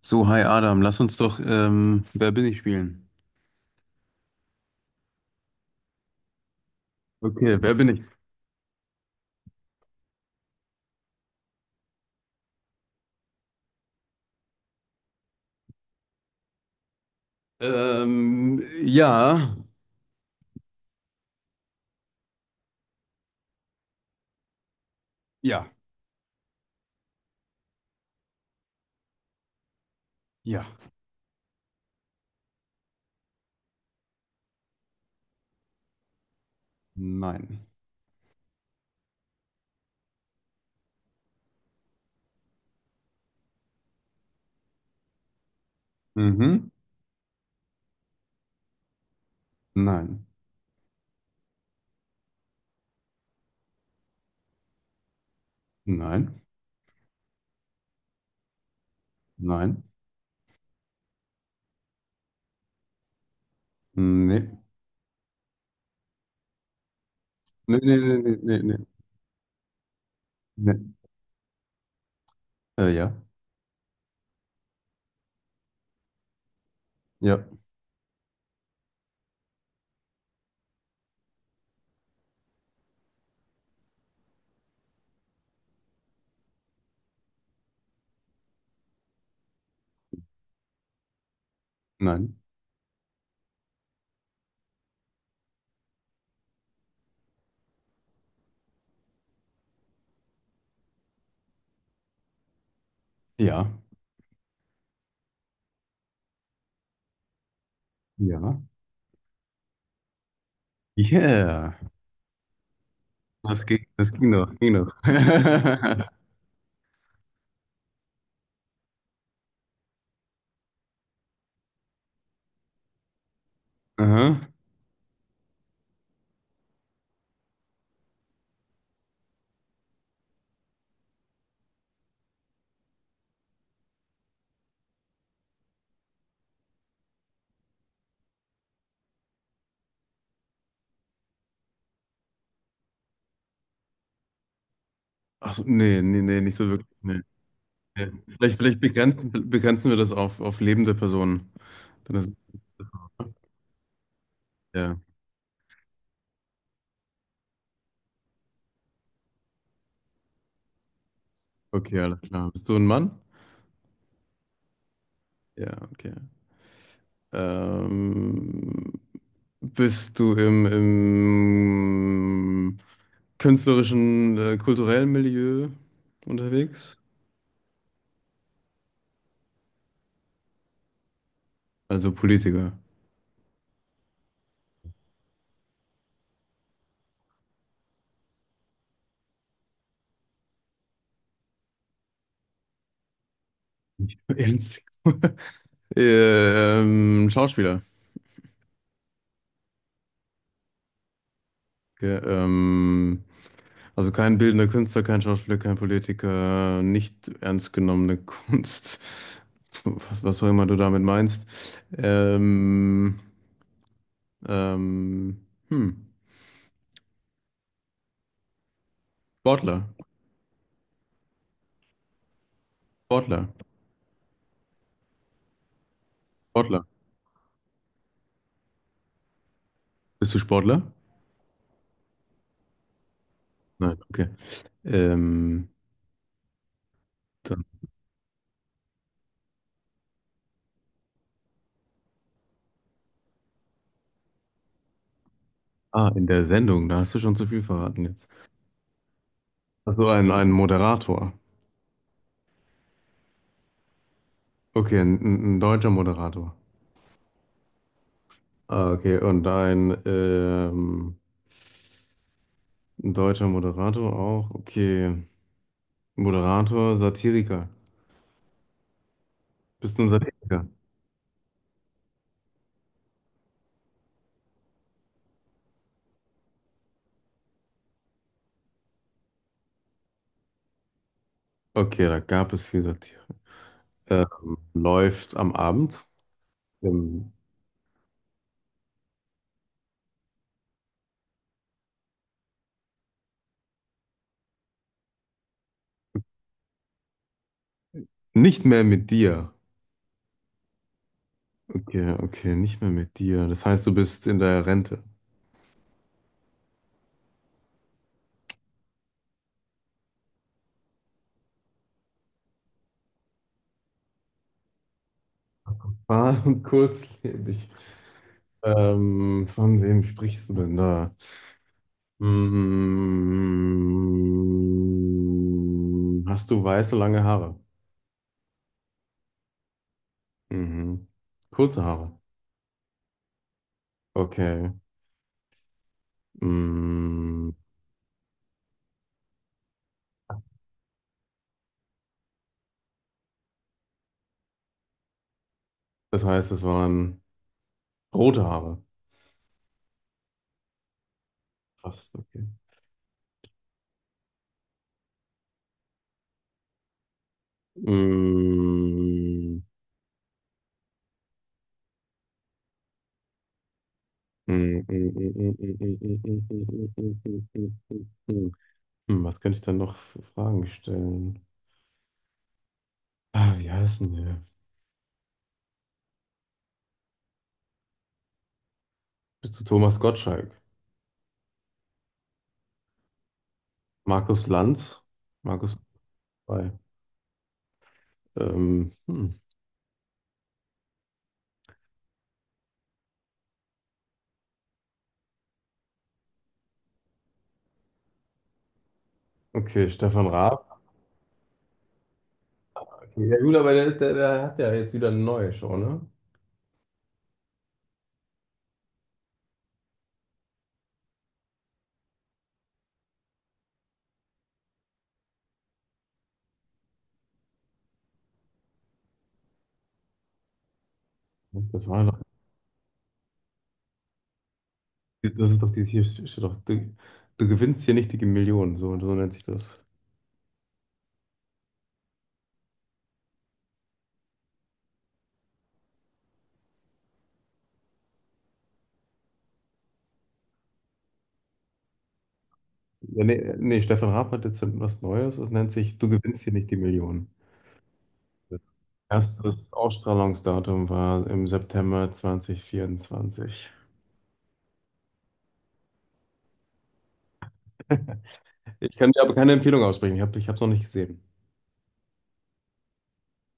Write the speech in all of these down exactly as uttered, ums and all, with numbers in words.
So, hi Adam, lass uns doch ähm, Wer bin ich spielen. Okay, wer bin ich? Ähm, ja, ja, ja, nein. Mhm. Nein, nein, nein, nee. Nee, nee, nee, nee, nee, nee. nee. Äh, ja, ja, nein, ja, ja. Yeah, das ging, das ging doch, ging doch. Aha. Ach so, nee, nee, nee, nicht so wirklich. Nee. nee. Vielleicht, vielleicht begrenzen, begrenzen wir das auf, auf lebende Personen. Dann ist, ja. Okay, alles klar. Bist du ein Mann? Ja, okay. Ähm, bist du im, im künstlerischen, äh, kulturellen Milieu unterwegs? Also Politiker. Nicht so ernst. Ähm, Schauspieler. Okay, ähm, also kein bildender Künstler, kein Schauspieler, kein Politiker, nicht ernst genommene Kunst. Was, was auch immer du damit meinst. Ähm, Ähm, hm. Sportler. Sportler. Sportler. Bist du Sportler? Nein, okay. Ähm, dann, ah, in der Sendung, da hast du schon zu viel verraten jetzt. Ach so, ein, ein Moderator. Okay, ein, ein ein deutscher Moderator. Ah, okay, und ein, ähm, ein deutscher Moderator auch. Okay. Moderator, Satiriker. Bist du ein Satiriker? Okay, da gab es viel Satire. Ähm, läuft am Abend. Ähm, nicht mehr mit dir. Ja, okay, nicht mehr mit dir. Das heißt, du bist in der Rente. Ah, und kurzlebig. Ähm, von wem sprichst du denn da? Mm, hast du weiße, lange Haare? Mhm. Kurze Haare. Okay. Mm, das heißt, es waren rote Haare. Fast, okay. Mm, mm, mm, mm, mm, mm, mm, mm, mm, mm, mm, mm, mm, mm. Hm, was könnte ich dann noch für Fragen stellen? Ah, wie heißt denn der? Bist du Thomas Gottschalk? Markus Lanz? Markus bei. Ähm, hm. Okay, Stefan Raab. Okay, ja gut, aber der, ist- der, der hat ja jetzt wieder eine neue Show, ne? Das war doch, das ist doch dieses hier, steht doch, du, du gewinnst hier nicht die Millionen, so, so nennt sich das. Ja, nee, nee, Stefan Raab hat jetzt was Neues, das nennt sich, du gewinnst hier nicht die Millionen. Erstes Ausstrahlungsdatum war im September zwanzig vierundzwanzig. Ich kann dir aber keine Empfehlung aussprechen. Ich habe, ich habe es noch nicht gesehen.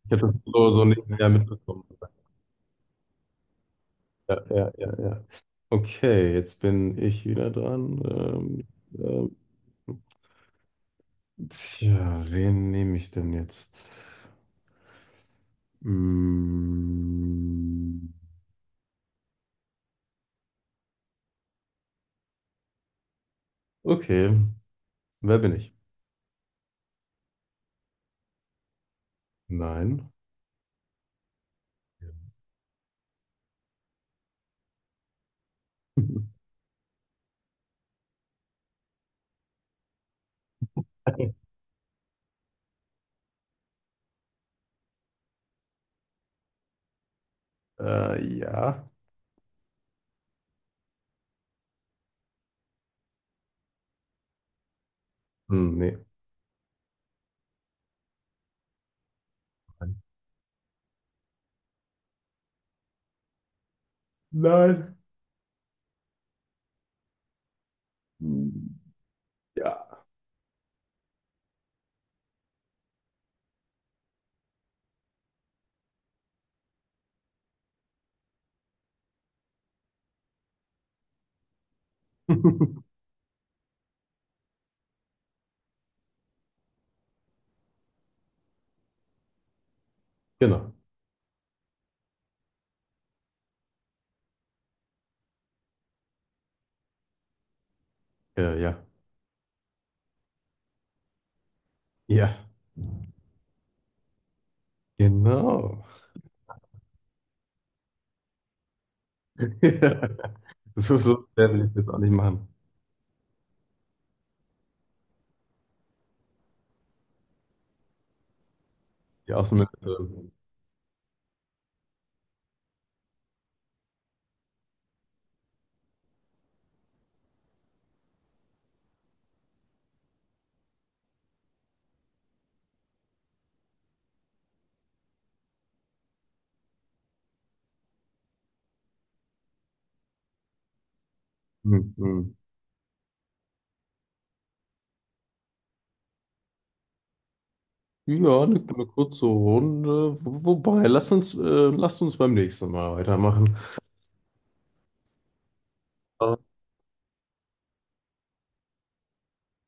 Ich habe das so, so nicht mehr mitbekommen. Ja, ja, ja, ja. Okay, jetzt bin ich wieder dran. Ähm, ähm, tja, wen nehme ich denn jetzt? Mm, okay, wer bin ich? Nein. Äh, ja. Hm, nee. Nein. Hm, ja. Genau. Ja, ja. Ja. Genau. So, so sehr will ich das auch nicht machen. Die Außenministerin. Hm, hm. Ja, eine, eine kurze Runde. Wo- Wobei, lass uns, äh, lass uns beim nächsten Mal weitermachen.